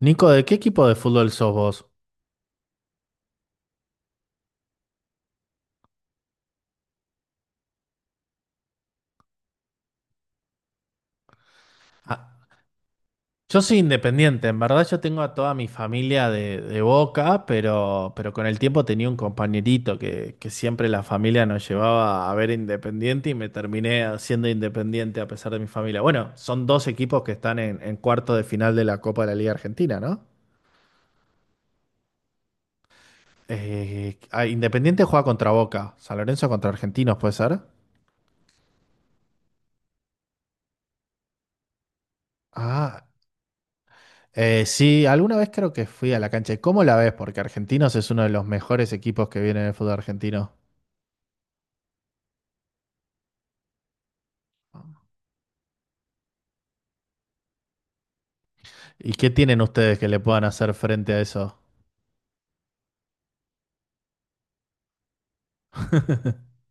Nico, ¿de qué equipo de fútbol sos vos? Ah, yo soy independiente, en verdad yo tengo a toda mi familia de Boca, pero con el tiempo tenía un compañerito que siempre la familia nos llevaba a ver Independiente y me terminé siendo independiente a pesar de mi familia. Bueno, son dos equipos que están en cuarto de final de la Copa de la Liga Argentina, ¿no? Independiente juega contra Boca, San Lorenzo contra Argentinos, ¿puede ser? Ah. Sí, alguna vez creo que fui a la cancha. ¿Cómo la ves? Porque Argentinos es uno de los mejores equipos que viene en el fútbol argentino. ¿Y qué tienen ustedes que le puedan hacer frente a eso?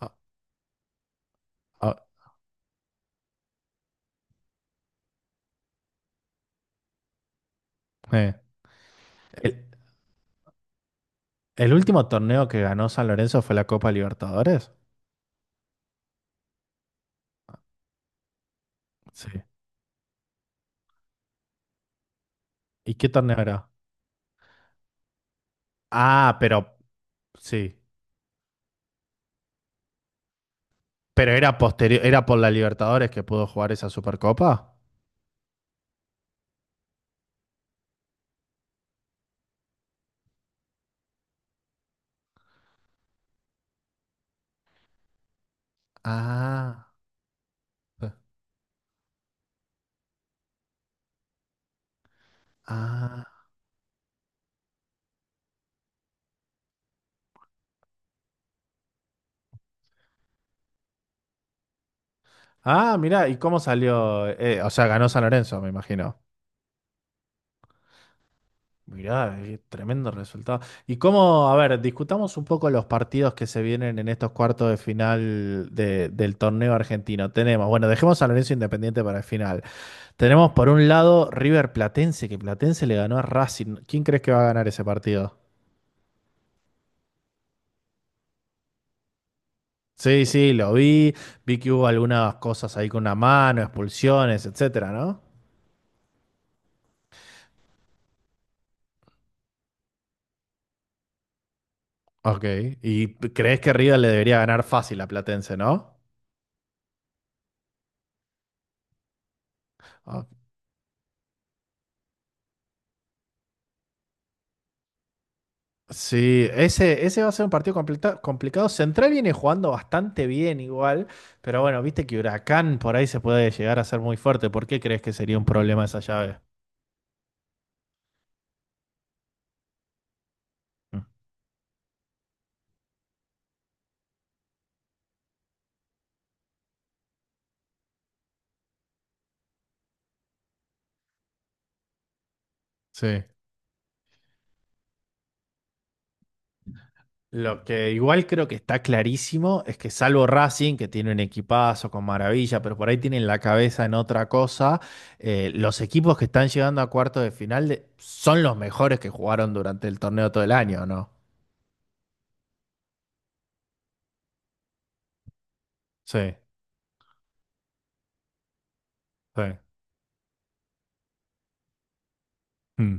Ah, ah, eh. ¿El, el último torneo que ganó San Lorenzo fue la Copa Libertadores? Sí. ¿Y qué torneo era? Ah, pero sí. Pero era posterior, era por la Libertadores que pudo jugar esa Supercopa. Ah, ah. Ah, mirá, ¿y cómo salió? O sea, ganó San Lorenzo, me imagino. Mirá, qué tremendo resultado. Y cómo, a ver, discutamos un poco los partidos que se vienen en estos cuartos de final del torneo argentino. Tenemos, bueno, dejemos a Lorenzo Independiente para el final. Tenemos por un lado River Platense, que Platense le ganó a Racing. ¿Quién crees que va a ganar ese partido? Sí, sí, lo vi. Vi que hubo algunas cosas ahí con una mano, expulsiones, etcétera, ¿no? Ok. ¿Y crees que River le debería ganar fácil a Platense, ¿no? Sí, ese va a ser un partido complicado. Central viene jugando bastante bien igual, pero bueno, viste que Huracán por ahí se puede llegar a ser muy fuerte. ¿Por qué crees que sería un problema esa llave? Mm. Sí. Lo que igual creo que está clarísimo es que salvo Racing, que tiene un equipazo con maravilla, pero por ahí tienen la cabeza en otra cosa, los equipos que están llegando a cuartos de final son los mejores que jugaron durante el torneo todo el año, ¿no? Sí, sí. Mm.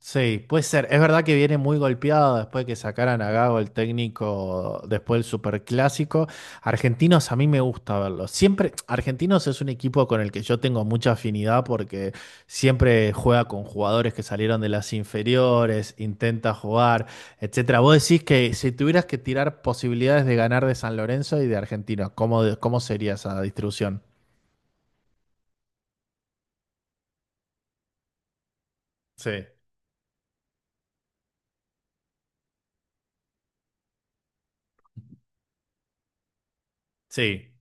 Sí, puede ser. Es verdad que viene muy golpeado después de que sacaran a Gago el técnico después del Superclásico. Argentinos a mí me gusta verlos. Siempre, Argentinos es un equipo con el que yo tengo mucha afinidad porque siempre juega con jugadores que salieron de las inferiores, intenta jugar, etcétera. Vos decís que si tuvieras que tirar posibilidades de ganar de San Lorenzo y de Argentinos, ¿cómo, cómo sería esa distribución? Sí, sí.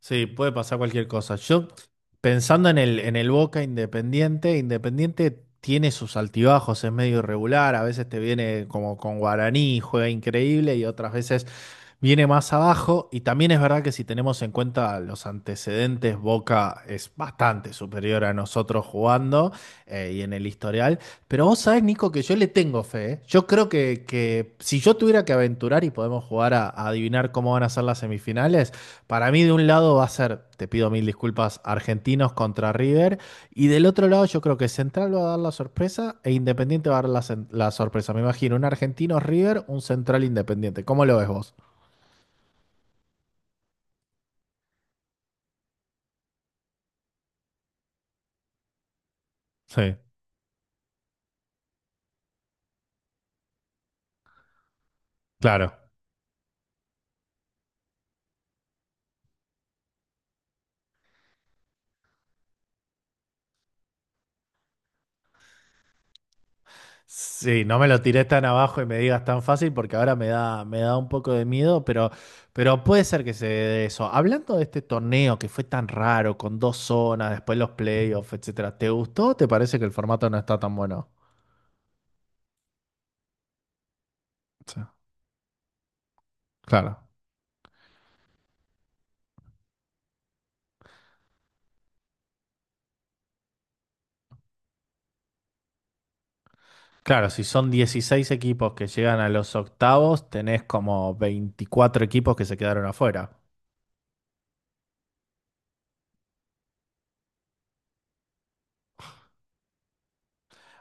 Sí, puede pasar cualquier cosa. Yo, pensando en el Boca Independiente, Independiente tiene sus altibajos, es medio irregular, a veces te viene como con Guaraní, juega increíble y otras veces viene más abajo. Y también es verdad que si tenemos en cuenta los antecedentes, Boca es bastante superior a nosotros jugando, y en el historial. Pero vos sabés, Nico, que yo le tengo fe, ¿eh? Yo creo que si yo tuviera que aventurar y podemos jugar a adivinar cómo van a ser las semifinales, para mí, de un lado va a ser, te pido mil disculpas, Argentinos contra River. Y del otro lado, yo creo que Central va a dar la sorpresa e Independiente va a dar la, la sorpresa. Me imagino un Argentino River, un Central Independiente. ¿Cómo lo ves vos? Sí, claro. Sí, no me lo tiré tan abajo y me digas tan fácil porque ahora me da un poco de miedo, pero puede ser que se dé eso. Hablando de este torneo que fue tan raro, con dos zonas, después los playoffs, etcétera, ¿te gustó o te parece que el formato no está tan bueno? Sí, claro. Claro, si son 16 equipos que llegan a los octavos, tenés como 24 equipos que se quedaron afuera.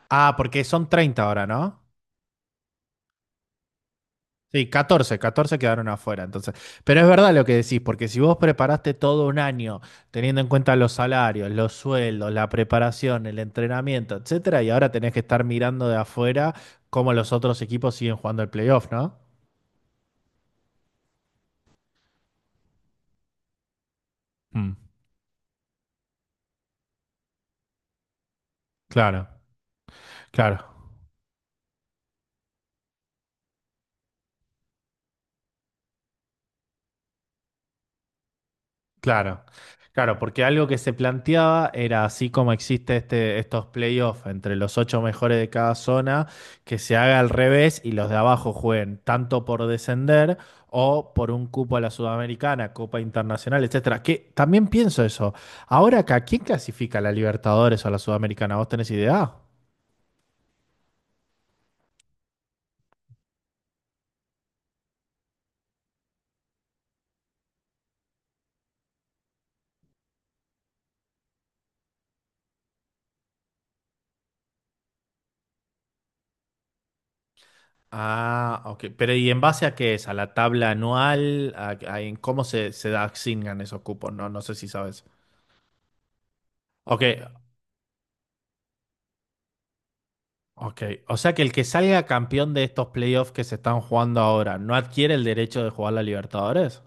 Ah, porque son 30 ahora, ¿no? Sí, 14, 14 quedaron afuera, entonces. Pero es verdad lo que decís, porque si vos preparaste todo un año, teniendo en cuenta los salarios, los sueldos, la preparación, el entrenamiento, etcétera, y ahora tenés que estar mirando de afuera cómo los otros equipos siguen jugando el playoff, ¿no? Mm, claro, claro. Claro, claro, porque algo que se planteaba era así como existe este, estos playoffs entre los ocho mejores de cada zona, que se haga al revés y los de abajo jueguen tanto por descender o por un cupo a la Sudamericana, Copa Internacional, etcétera. Que también pienso eso. Ahora acá, ¿quién clasifica a la Libertadores o a la Sudamericana? ¿Vos tenés idea? Ah, ok. Pero ¿y en base a qué es? ¿A la tabla anual? A- en cómo se, se asignan esos cupos? No, no sé si sabes. Ok, ok, o sea que el que salga campeón de estos playoffs que se están jugando ahora no adquiere el derecho de jugar la Libertadores.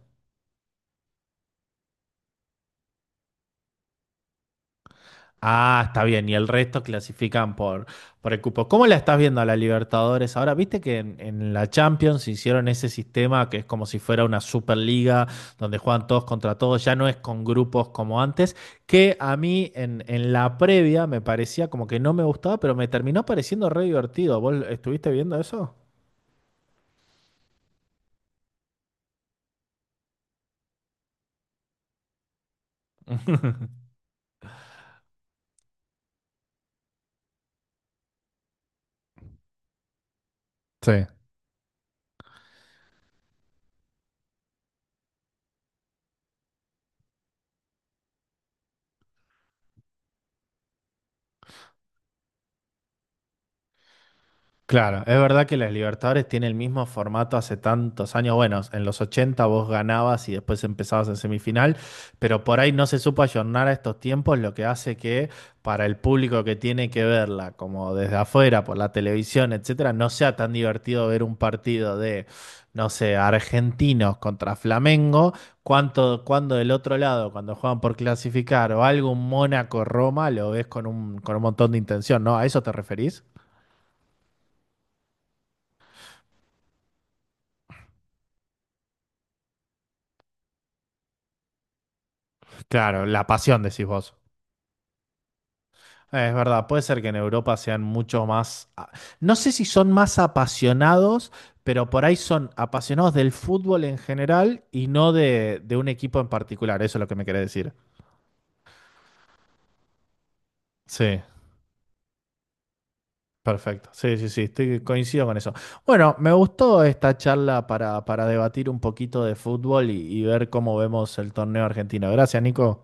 Ah, está bien, y el resto clasifican por el cupo. ¿Cómo la estás viendo a la Libertadores ahora? Viste que en la Champions hicieron ese sistema que es como si fuera una Superliga donde juegan todos contra todos, ya no es con grupos como antes, que a mí en la previa me parecía como que no me gustaba, pero me terminó pareciendo re divertido. ¿Vos estuviste viendo eso? Sí. Claro, es verdad que las Libertadores tiene el mismo formato hace tantos años. Bueno, en los 80 vos ganabas y después empezabas en semifinal, pero por ahí no se supo ayornar a estos tiempos, lo que hace que para el público que tiene que verla, como desde afuera, por la televisión, etcétera, no sea tan divertido ver un partido de, no sé, argentinos contra Flamengo, cuanto, cuando del otro lado, cuando juegan por clasificar o algo, un Mónaco-Roma, lo ves con un montón de intención, ¿no? ¿A eso te referís? Claro, la pasión, decís vos. Es verdad, puede ser que en Europa sean mucho más, no sé si son más apasionados, pero por ahí son apasionados del fútbol en general y no de, de un equipo en particular, eso es lo que me querés decir. Sí, perfecto. Sí, sí, sí, estoy, coincido con eso. Bueno, me gustó esta charla para debatir un poquito de fútbol y ver cómo vemos el torneo argentino. Gracias, Nico.